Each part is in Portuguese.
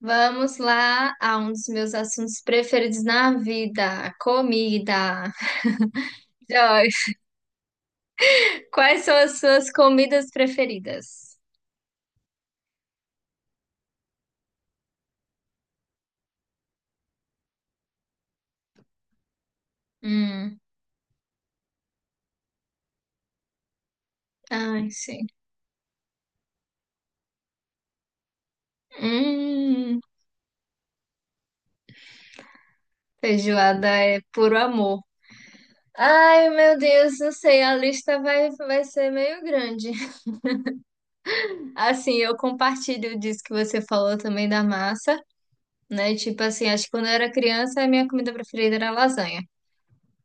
Vamos lá a um dos meus assuntos preferidos na vida, comida. Joyce, quais são as suas comidas preferidas? Hum, ai, sim. Hum, feijoada é puro amor. Ai, meu Deus, não sei, a lista vai ser meio grande. Assim, eu compartilho disso que você falou também da massa, né? Tipo assim, acho que quando eu era criança, a minha comida preferida era lasanha.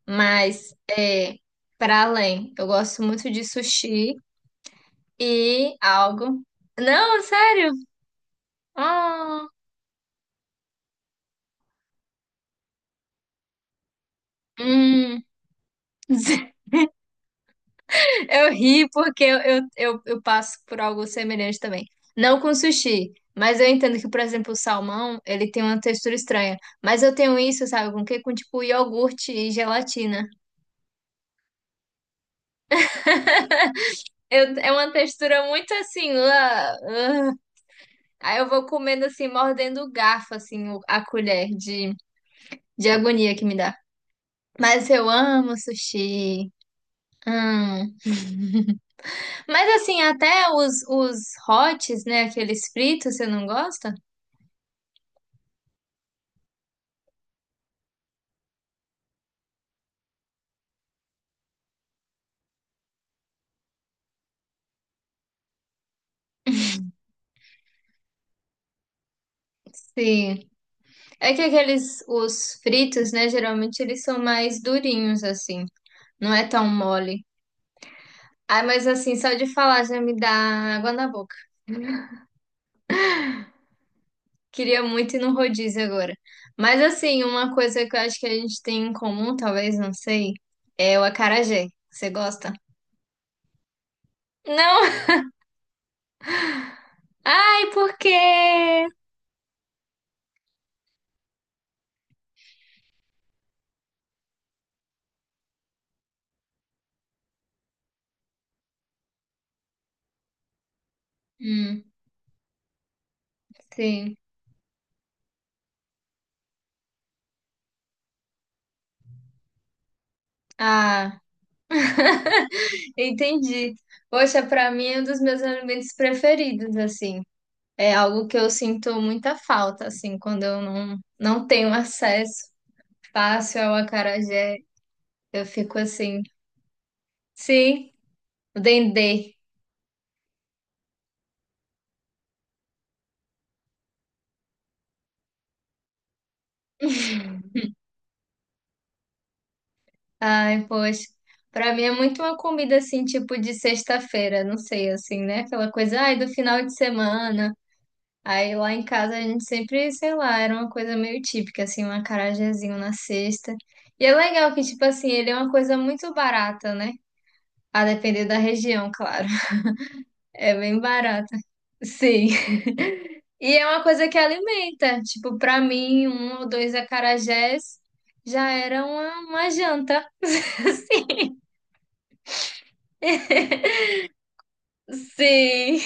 Mas é para além. Eu gosto muito de sushi e algo. Não, sério? Ah, hum. Eu ri porque eu passo por algo semelhante também. Não com sushi, mas eu entendo que, por exemplo, o salmão, ele tem uma textura estranha. Mas eu tenho isso, sabe, com o quê? Com tipo iogurte e gelatina. É uma textura muito assim. Ah, ah. Aí eu vou comendo assim, mordendo o garfo, assim, a colher de agonia que me dá. Mas eu amo sushi. Hum. Mas assim, até os hots, né? Aqueles fritos, você não gosta? Sim. É que aqueles, os fritos, né? Geralmente eles são mais durinhos, assim. Não é tão mole. Ah, mas assim, só de falar já me dá água na boca. Queria muito ir no rodízio agora. Mas assim, uma coisa que eu acho que a gente tem em comum, talvez, não sei, é o acarajé. Você gosta? Não! Ai, por quê? Hum. Sim. Ah, entendi. Poxa, pra mim é um dos meus alimentos preferidos, assim. É algo que eu sinto muita falta, assim, quando eu não tenho acesso fácil ao acarajé. Eu fico assim, sim, o dendê. Ai, poxa. Pra mim é muito uma comida, assim, tipo de sexta-feira, não sei, assim, né? Aquela coisa, ai, do final de semana. Aí lá em casa a gente sempre, sei lá, era uma coisa meio típica, assim, um acarajézinho na cesta. E é legal que, tipo assim, ele é uma coisa muito barata, né? A depender da região, claro. É bem barata. Sim. E é uma coisa que alimenta. Tipo, pra mim, um ou dois acarajés já era uma janta. Sim,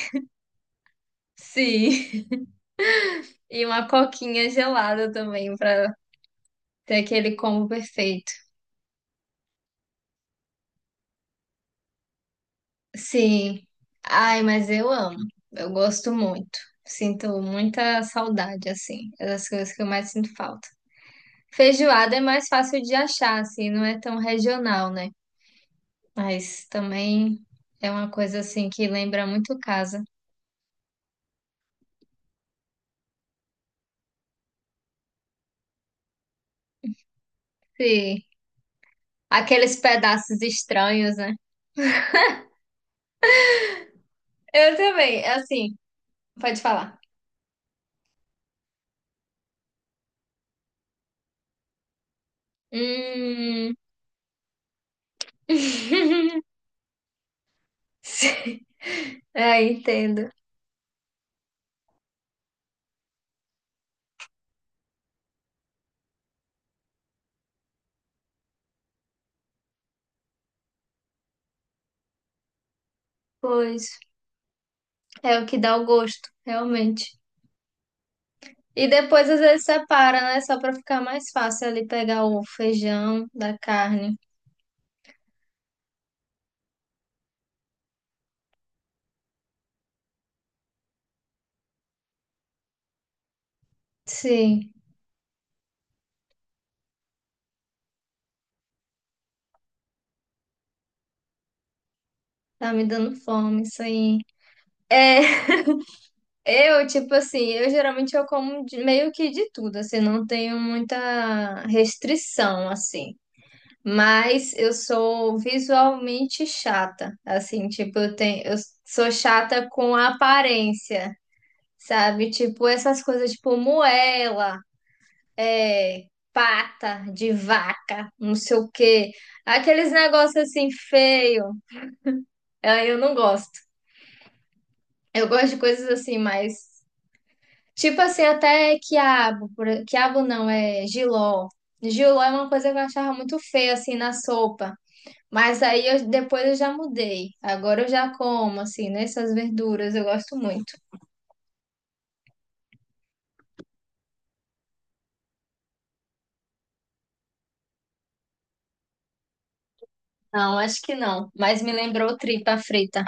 sim. E uma coquinha gelada também, pra ter aquele combo perfeito. Sim. Ai, mas eu amo. Eu gosto muito. Sinto muita saudade, assim. É das coisas que eu mais sinto falta. Feijoada é mais fácil de achar, assim, não é tão regional, né? Mas também é uma coisa, assim, que lembra muito casa. Sim. Aqueles pedaços estranhos, né? Eu também, é assim, pode falar. Hum. Sim. É, entendo. Pois, é o que dá o gosto, realmente. E depois às vezes separa, né? Só pra ficar mais fácil ali pegar o feijão da carne. Sim, tá me dando fome isso aí. É, eu, tipo assim, eu geralmente eu como meio que de tudo, assim, não tenho muita restrição, assim. Mas eu sou visualmente chata, assim, tipo, eu sou chata com a aparência, sabe? Tipo, essas coisas, tipo, moela. É, pata de vaca, não sei o quê. Aqueles negócios assim feio. Ah, eu não gosto. Eu gosto de coisas assim, mais tipo assim, até quiabo, por... quiabo não, é jiló. Jiló é uma coisa que eu achava muito feia assim na sopa. Mas aí depois eu já mudei. Agora eu já como assim, né? Essas verduras, eu gosto muito. Não, acho que não. Mas me lembrou tripa frita.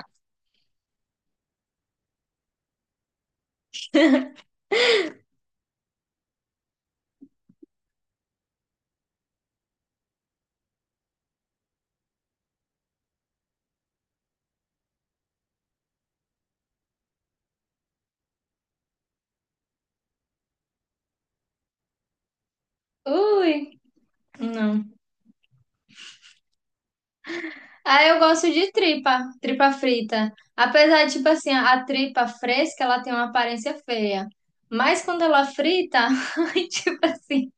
Ui, não. Ah, eu gosto de tripa, tripa frita. Apesar de, tipo assim, a tripa fresca, ela tem uma aparência feia. Mas quando ela frita, ai, tipo assim,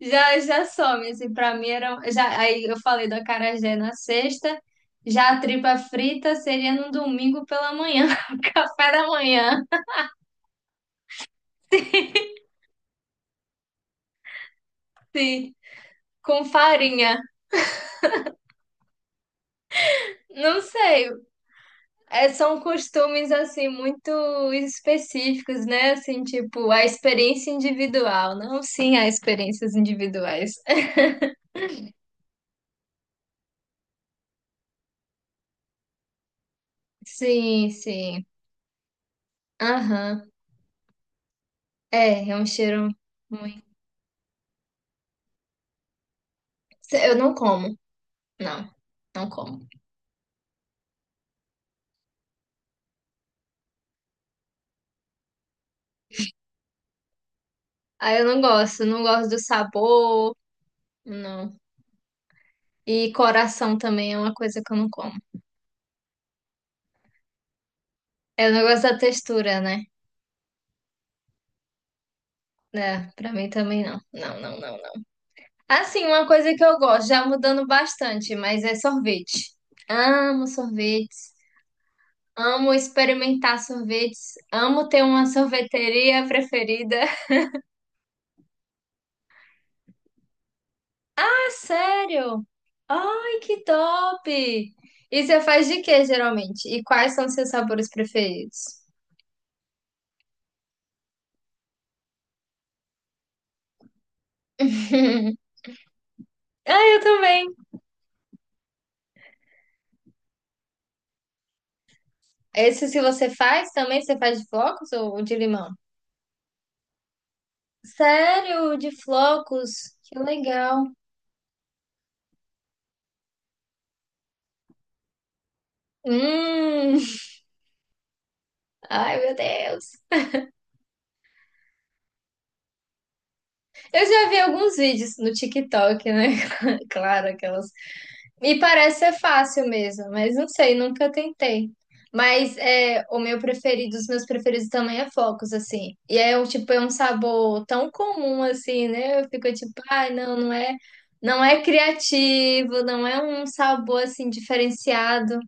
já, já some, assim, pra mim era... um, já, aí eu falei do acarajé na sexta, já a tripa frita seria no domingo pela manhã, café da manhã, assim, com farinha. Não sei, é, são costumes assim muito específicos, né? Assim, tipo, a experiência individual, não sim há experiências individuais. Sim, sim. Aham. É, é um cheiro muito. Eu não como, não, não como. Ah, eu não gosto, não gosto do sabor, não. E coração também é uma coisa que eu não como. Eu não gosto da textura, né? É, pra mim também não. Não, não, não. Assim, uma coisa que eu gosto, já mudando bastante, mas é sorvete. Amo sorvetes, amo experimentar sorvetes, amo ter uma sorveteria preferida. Ah, sério? Ai, que top! E você faz de quê, geralmente? E quais são seus sabores preferidos? Ah, eu também. Esse se você faz também, você faz de flocos ou de limão? Sério, de flocos? Que legal. Hum, ai meu Deus. Eu já vi alguns vídeos no TikTok, né? Claro, aquelas. Me parece ser fácil mesmo, mas não sei, nunca tentei. Mas é, o meu preferido, os meus preferidos também é Focos, assim. E é um tipo, é um sabor tão comum assim, né? Eu fico tipo, ai, não, não é criativo, não é um sabor assim diferenciado.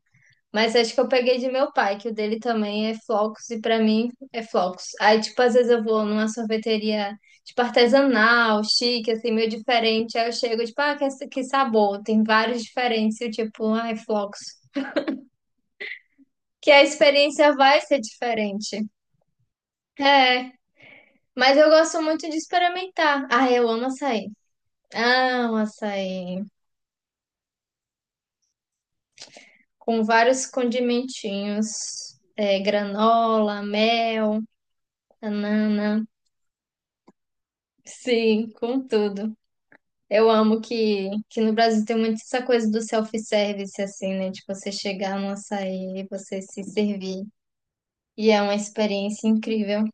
Mas acho que eu peguei de meu pai, que o dele também é flocos, e pra mim é flocos. Aí, tipo, às vezes eu vou numa sorveteria, tipo, artesanal, chique, assim, meio diferente. Aí eu chego, tipo, ah, que sabor, tem vários diferentes, e eu, tipo, ai, flocos. Que a experiência vai ser diferente. É, mas eu gosto muito de experimentar. Ah, eu amo açaí. Amo açaí. Com vários condimentinhos, é, granola, mel, banana. Sim, com tudo. Eu amo que no Brasil tem muito essa coisa do self-service, assim, né? Tipo, você chegar no açaí e você se servir. E é uma experiência incrível.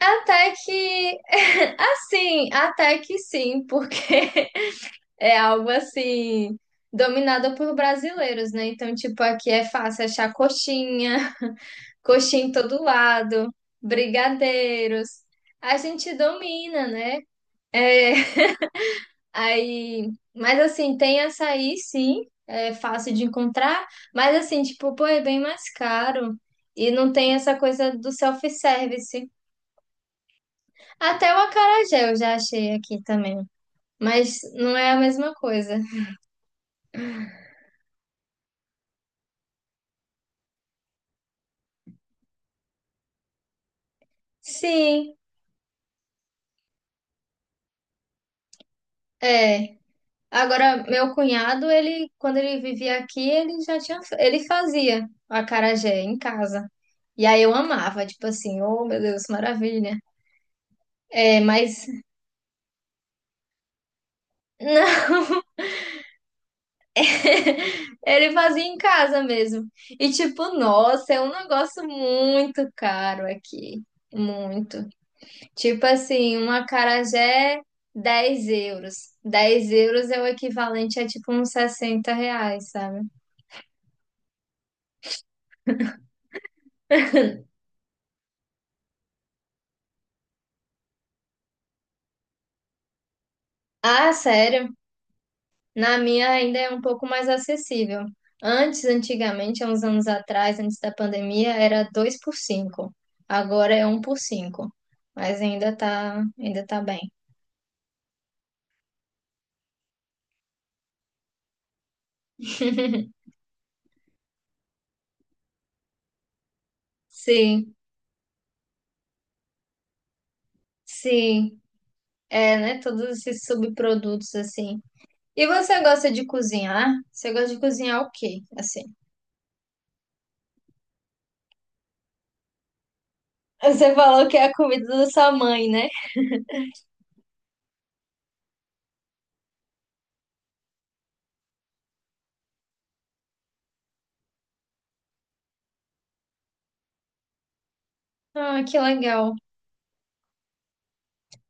Até que, assim, até que sim, porque é algo assim, dominado por brasileiros, né? Então, tipo, aqui é fácil achar coxinha, coxinha em todo lado, brigadeiros. A gente domina, né? É, aí, mas assim, tem açaí, sim, é fácil de encontrar, mas assim, tipo, pô, é bem mais caro e não tem essa coisa do self-service. Até o acarajé eu já achei aqui também, mas não é a mesma coisa. Sim, é. Agora, meu cunhado, ele, quando ele vivia aqui, ele fazia o acarajé em casa. E aí eu amava, tipo assim, oh meu Deus, maravilha. É, mas não. Ele fazia em casa mesmo. E tipo, nossa, é um negócio muito caro aqui. Muito. Tipo assim, um acarajé, 10 euros. 10 euros é o equivalente a tipo uns 60 reais, sabe? Ah, sério? Na minha ainda é um pouco mais acessível. Antes, antigamente, há uns anos atrás, antes da pandemia, era 2 por 5. Agora é um por 5. Mas ainda tá bem. Sim, sim. É, né? Todos esses subprodutos, assim. E você gosta de cozinhar? Você gosta de cozinhar o quê, assim? Você falou que é a comida da sua mãe, né? Ah, que legal.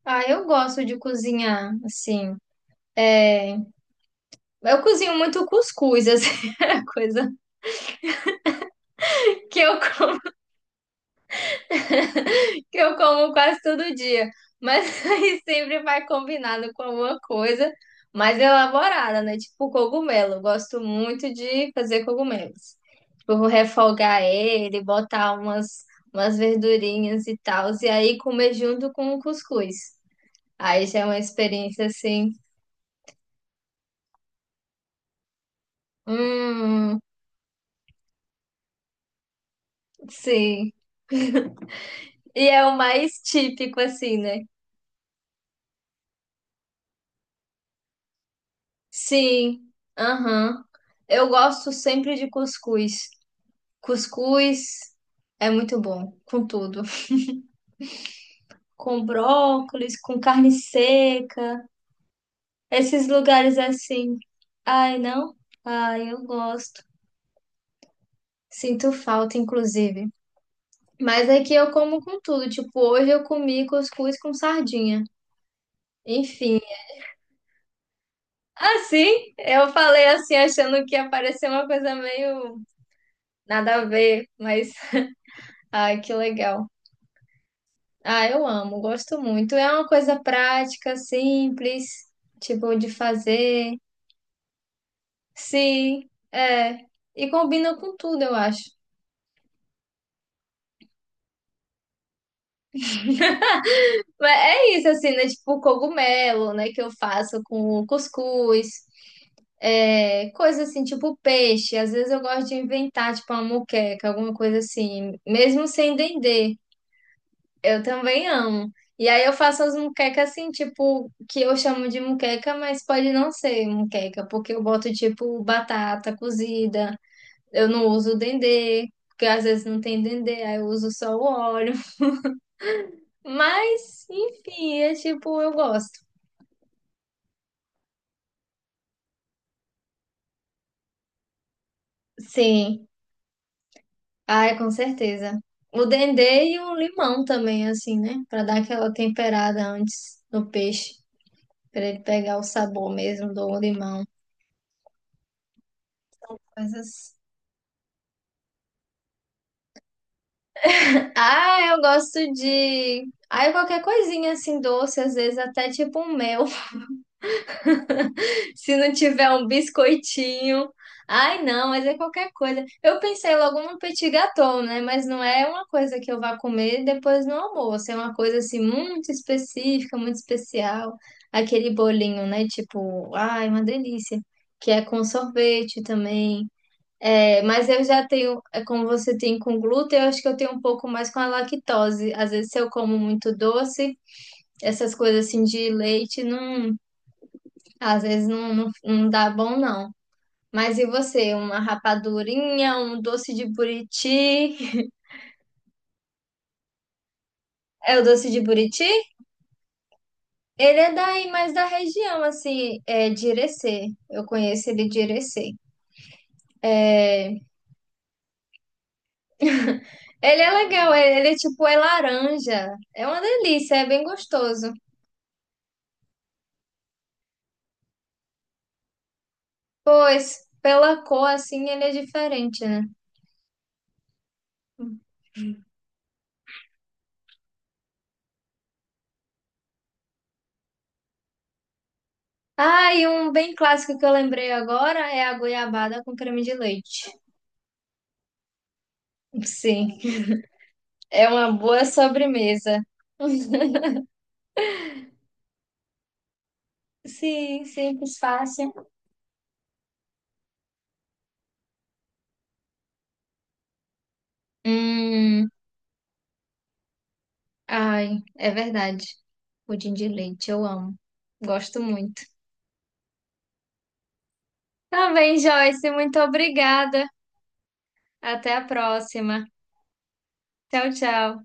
Ah, eu gosto de cozinhar, assim. É... Eu cozinho muito cuscuz, assim. É a coisa que eu que eu como quase todo dia. Mas aí sempre vai combinado com alguma coisa mais elaborada, né? Tipo cogumelo. Eu gosto muito de fazer cogumelos. Tipo, refogar ele, botar umas verdurinhas e tal, e aí comer junto com o cuscuz. Aí já é uma experiência assim. Hum, sim. E é o mais típico, assim, né? Sim. Aham. Eu gosto sempre de cuscuz. Cuscuz é muito bom, com tudo. Com brócolis, com carne seca, esses lugares assim. Ai, não? Ai, eu gosto. Sinto falta, inclusive. Mas aqui eu como com tudo. Tipo, hoje eu comi cuscuz com sardinha. Enfim. Assim, eu falei assim, achando que ia parecer uma coisa meio nada a ver, mas ai, que legal. Ah, eu amo, gosto muito. É uma coisa prática, simples, tipo, de fazer. Sim, é. E combina com tudo, eu acho. Mas é isso, assim, né? Tipo, cogumelo, né? Que eu faço com cuscuz. É, coisa assim, tipo peixe. Às vezes eu gosto de inventar, tipo, uma moqueca, alguma coisa assim. Mesmo sem dendê. Eu também amo. E aí eu faço as muquecas assim, tipo, que eu chamo de muqueca, mas pode não ser muqueca, porque eu boto tipo batata cozida, eu não uso dendê, porque às vezes não tem dendê, aí eu uso só o óleo. Mas, enfim, é tipo, eu gosto. Sim. Ai, com certeza. O dendê e o limão também, assim, né? Pra dar aquela temperada antes no peixe, pra ele pegar o sabor mesmo do limão. Coisas ah, eu gosto de. Ah, qualquer coisinha assim doce, às vezes até tipo um mel. Se não tiver um biscoitinho. Ai, não, mas é qualquer coisa. Eu pensei logo num petit gâteau, né? Mas não é uma coisa que eu vá comer depois no almoço. É uma coisa assim muito específica, muito especial. Aquele bolinho, né? Tipo, ai, uma delícia. Que é com sorvete também. É, mas eu já tenho, é, como você tem com glúten, eu acho que eu tenho um pouco mais com a lactose. Às vezes, se eu como muito doce, essas coisas assim de leite, não, às vezes não dá bom, não. Mas e você? Uma rapadurinha, um doce de buriti? É o doce de buriti? Ele é daí, mais da região, assim, é de Irecê. Eu conheço ele de Irecê. É, ele é legal, ele é tipo, é laranja. É uma delícia, é bem gostoso. Pois, pela cor assim ele é diferente, né? Ah, e um bem clássico que eu lembrei agora é a goiabada com creme de leite. Sim, é uma boa sobremesa. Sim, simples, fácil. Hum, ai, é verdade. Pudim de leite, eu amo. Gosto muito. Tá bem, Joyce, muito obrigada. Até a próxima. Tchau, tchau.